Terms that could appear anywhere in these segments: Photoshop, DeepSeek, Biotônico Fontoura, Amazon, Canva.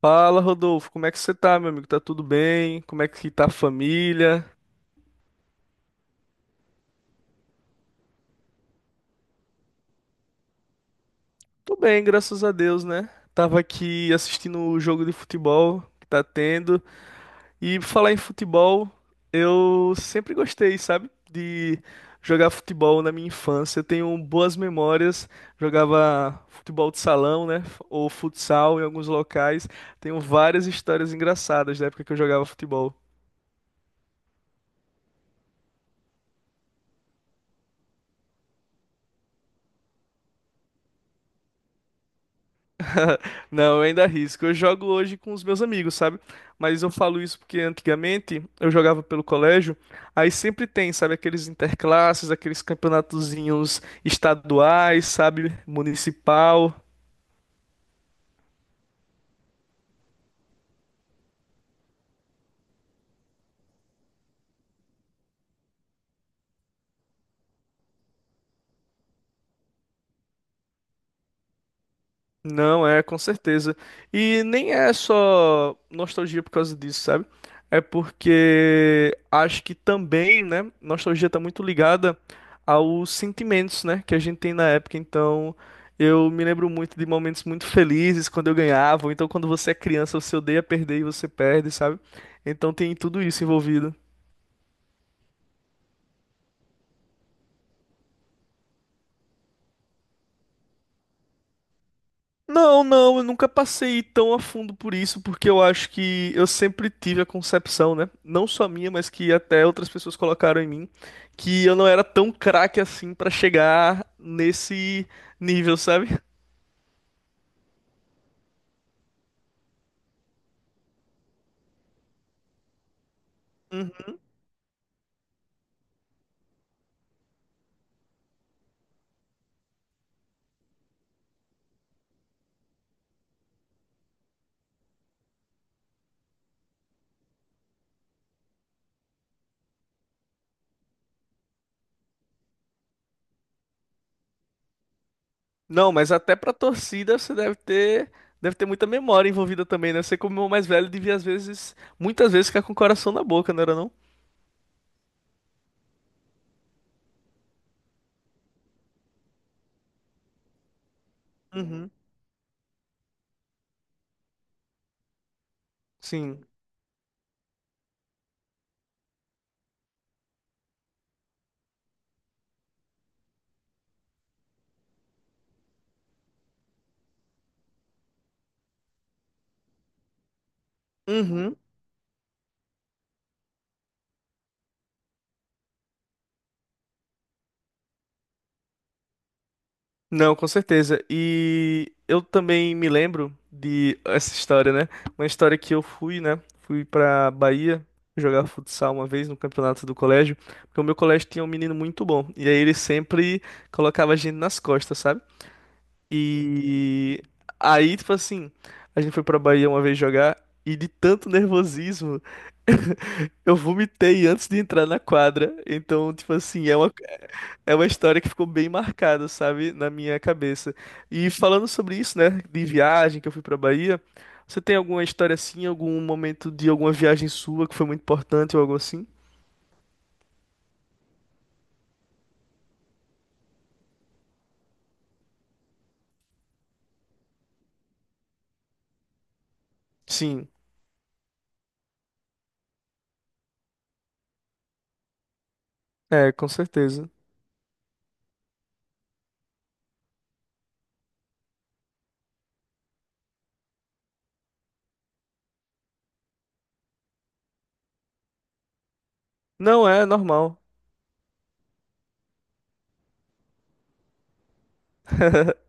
Fala, Rodolfo, como é que você tá, meu amigo? Tá tudo bem? Como é que tá a família? Tô bem, graças a Deus, né? Tava aqui assistindo o jogo de futebol que tá tendo. E pra falar em futebol, eu sempre gostei, sabe? De jogar futebol na minha infância. Eu tenho boas memórias. Jogava futebol de salão, né? Ou futsal em alguns locais. Tenho várias histórias engraçadas da época que eu jogava futebol. Não, eu ainda arrisco. Eu jogo hoje com os meus amigos, sabe? Mas eu falo isso porque antigamente eu jogava pelo colégio, aí sempre tem, sabe, aqueles interclasses, aqueles campeonatozinhos estaduais, sabe, municipal. Não, é, com certeza. E nem é só nostalgia por causa disso, sabe? É porque acho que também, né, nostalgia tá muito ligada aos sentimentos, né, que a gente tem na época. Então, eu me lembro muito de momentos muito felizes quando eu ganhava, ou então quando você é criança, você odeia perder e você perde, sabe? Então tem tudo isso envolvido. Não, não, eu nunca passei tão a fundo por isso, porque eu acho que eu sempre tive a concepção, né? Não só minha, mas que até outras pessoas colocaram em mim, que eu não era tão craque assim pra chegar nesse nível, sabe? Uhum. Não, mas até pra torcida você deve ter muita memória envolvida também, né? Você como o mais velho devia às vezes, muitas vezes ficar com o coração na boca, não era não? Uhum. Sim. Uhum. Não, com certeza. E eu também me lembro de essa história, né? Uma história que eu fui, né? Fui pra Bahia jogar futsal uma vez no campeonato do colégio, porque o meu colégio tinha um menino muito bom. E aí ele sempre colocava a gente nas costas, sabe? E aí, tipo assim, a gente foi pra Bahia uma vez jogar e de tanto nervosismo eu vomitei antes de entrar na quadra. Então, tipo assim, é uma história que ficou bem marcada, sabe, na minha cabeça. E falando sobre isso, né, de viagem que eu fui pra Bahia, você tem alguma história assim, algum momento de alguma viagem sua que foi muito importante ou algo assim? Sim, é, com certeza. Não é normal.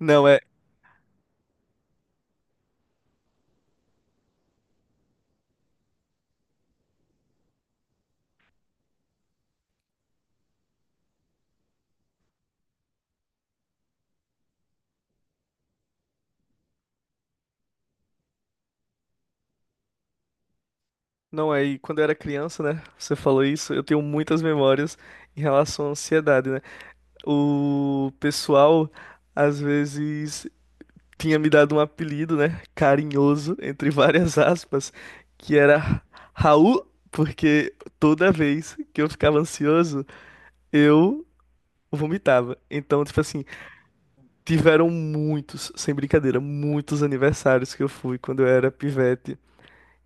Não é. Não, aí quando eu era criança, né? Você falou isso, eu tenho muitas memórias em relação à ansiedade, né? O pessoal às vezes tinha me dado um apelido, né? Carinhoso, entre várias aspas, que era Raul, porque toda vez que eu ficava ansioso, eu vomitava. Então, tipo assim, tiveram muitos, sem brincadeira, muitos aniversários que eu fui quando eu era pivete.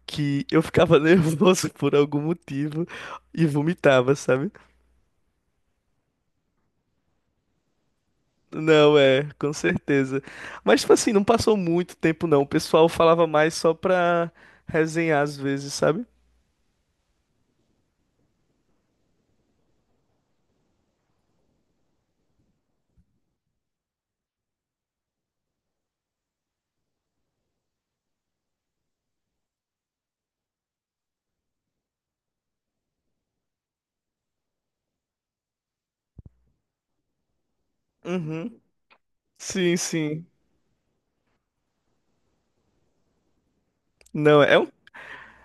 Que eu ficava nervoso por algum motivo e vomitava, sabe? Não, é, com certeza. Mas, tipo assim, não passou muito tempo, não. O pessoal falava mais só pra resenhar às vezes, sabe? Uhum. Sim, sim. Não, é um,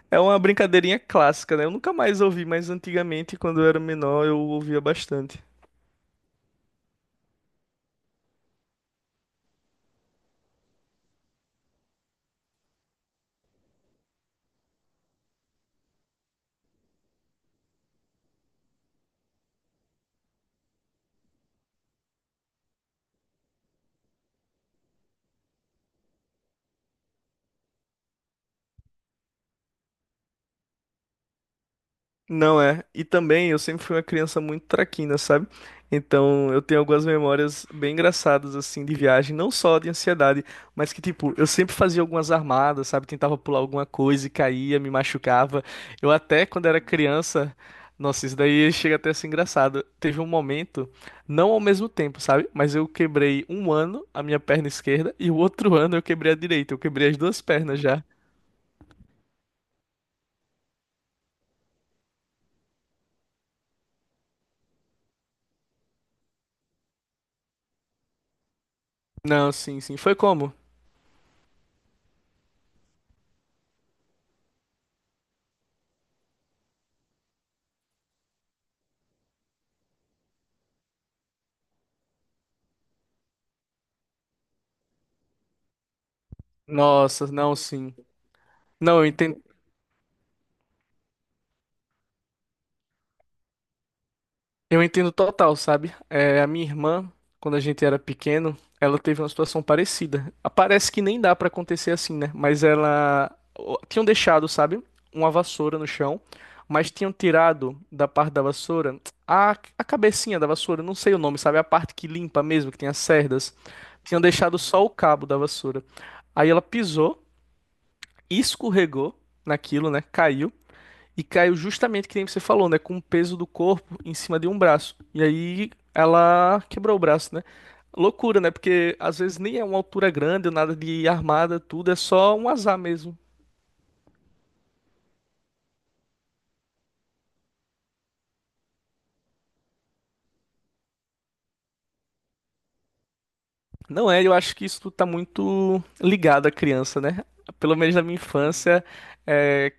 é uma brincadeirinha clássica, né? Eu nunca mais ouvi, mas antigamente, quando eu era menor, eu ouvia bastante. Não é. E também eu sempre fui uma criança muito traquina, sabe? Então eu tenho algumas memórias bem engraçadas assim de viagem, não só de ansiedade, mas que tipo, eu sempre fazia algumas armadas, sabe? Tentava pular alguma coisa e caía, me machucava. Eu até quando era criança, nossa, isso daí chega até a ser engraçado. Teve um momento, não ao mesmo tempo, sabe? Mas eu quebrei um ano a minha perna esquerda e o outro ano eu quebrei a direita. Eu quebrei as duas pernas já. Não, sim, sim. Foi como? Nossa, não, sim. Não, eu entendo. Eu entendo total, sabe? É, a minha irmã, quando a gente era pequeno, ela teve uma situação parecida. Ah, parece que nem dá pra acontecer assim, né? Mas ela tinham deixado, sabe, uma vassoura no chão, mas tinham tirado da parte da vassoura a, a cabecinha da vassoura, não sei o nome, sabe? A parte que limpa mesmo, que tem as cerdas. Tinham deixado só o cabo da vassoura. Aí ela pisou, escorregou naquilo, né? Caiu. E caiu justamente que nem você falou, né? Com o peso do corpo em cima de um braço. E aí ela quebrou o braço, né? Loucura, né? Porque às vezes nem é uma altura grande, ou nada de armada, tudo, é só um azar mesmo. Não é, eu acho que isso tá muito ligado à criança, né? Pelo menos na minha infância, é,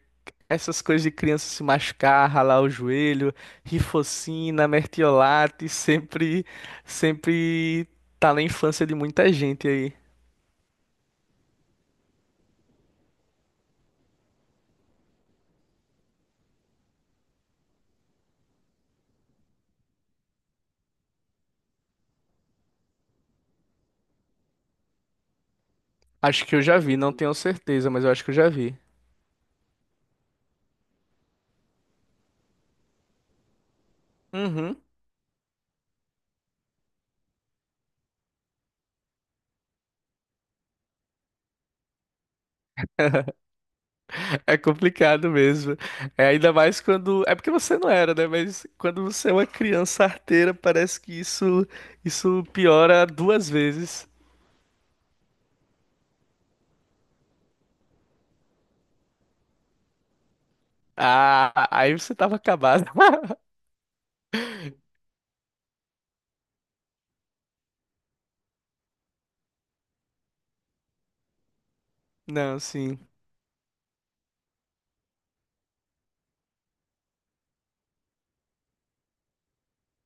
essas coisas de criança se machucar, ralar o joelho, rifocina, mertiolate, sempre, sempre tá na infância de muita gente aí. Acho que eu já vi, não tenho certeza, mas eu acho que eu já vi. Uhum. É complicado mesmo. É ainda mais quando. É porque você não era, né? Mas quando você é uma criança arteira, parece que isso isso piora duas vezes. Ah, aí você tava acabado. Não, sim.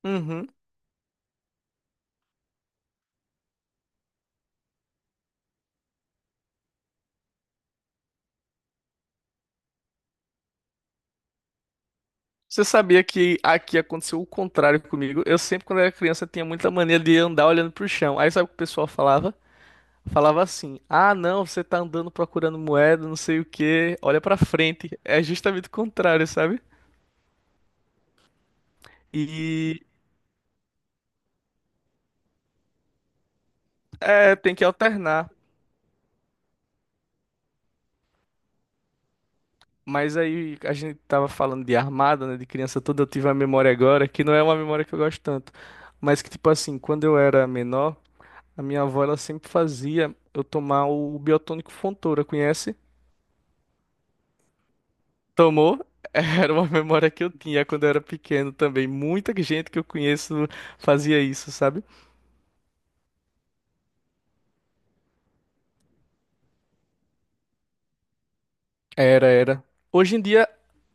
Uhum. Você sabia que aqui aconteceu o contrário comigo? Eu sempre, quando era criança, tinha muita mania de andar olhando pro chão. Aí sabe o que o pessoal falava? Falava assim: "Ah, não, você tá andando procurando moeda, não sei o quê, olha pra frente". É justamente o contrário, sabe? E É, tem que alternar. Mas aí a gente tava falando de armada, né, de criança toda, eu tive uma memória agora que não é uma memória que eu gosto tanto, mas que tipo assim, quando eu era menor, a minha avó ela sempre fazia eu tomar o biotônico Fontoura, conhece? Tomou? Era uma memória que eu tinha quando eu era pequeno também. Muita gente que eu conheço fazia isso, sabe? Era, era. Hoje em dia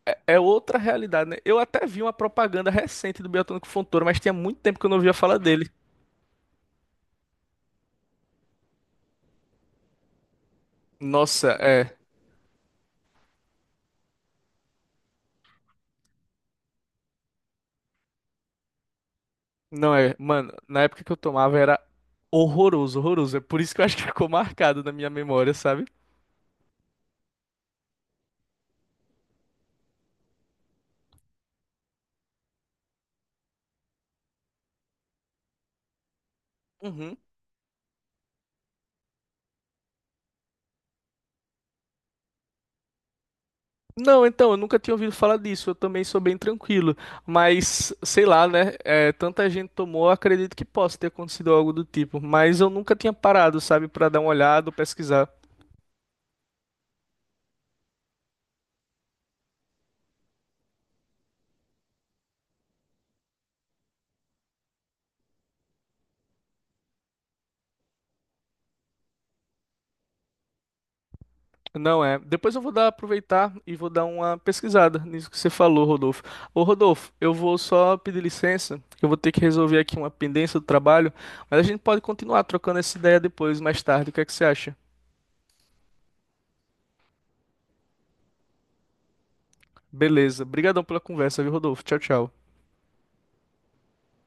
é outra realidade, né? Eu até vi uma propaganda recente do Biotônico Fontoura, mas tinha muito tempo que eu não ouvia falar dele. Nossa, é. Não é. Mano, na época que eu tomava era horroroso, horroroso. É por isso que eu acho que ficou marcado na minha memória, sabe? Uhum. Não, então, eu nunca tinha ouvido falar disso. Eu também sou bem tranquilo. Mas, sei lá, né? É, tanta gente tomou, eu acredito que possa ter acontecido algo do tipo. Mas eu nunca tinha parado, sabe, pra dar uma olhada ou pesquisar. Não é. Depois eu vou dar, aproveitar e vou dar uma pesquisada nisso que você falou, Rodolfo. Ô, Rodolfo, eu vou só pedir licença, que eu vou ter que resolver aqui uma pendência do trabalho, mas a gente pode continuar trocando essa ideia depois, mais tarde. O que é que você acha? Beleza. Obrigadão pela conversa, viu, Rodolfo? Tchau, tchau.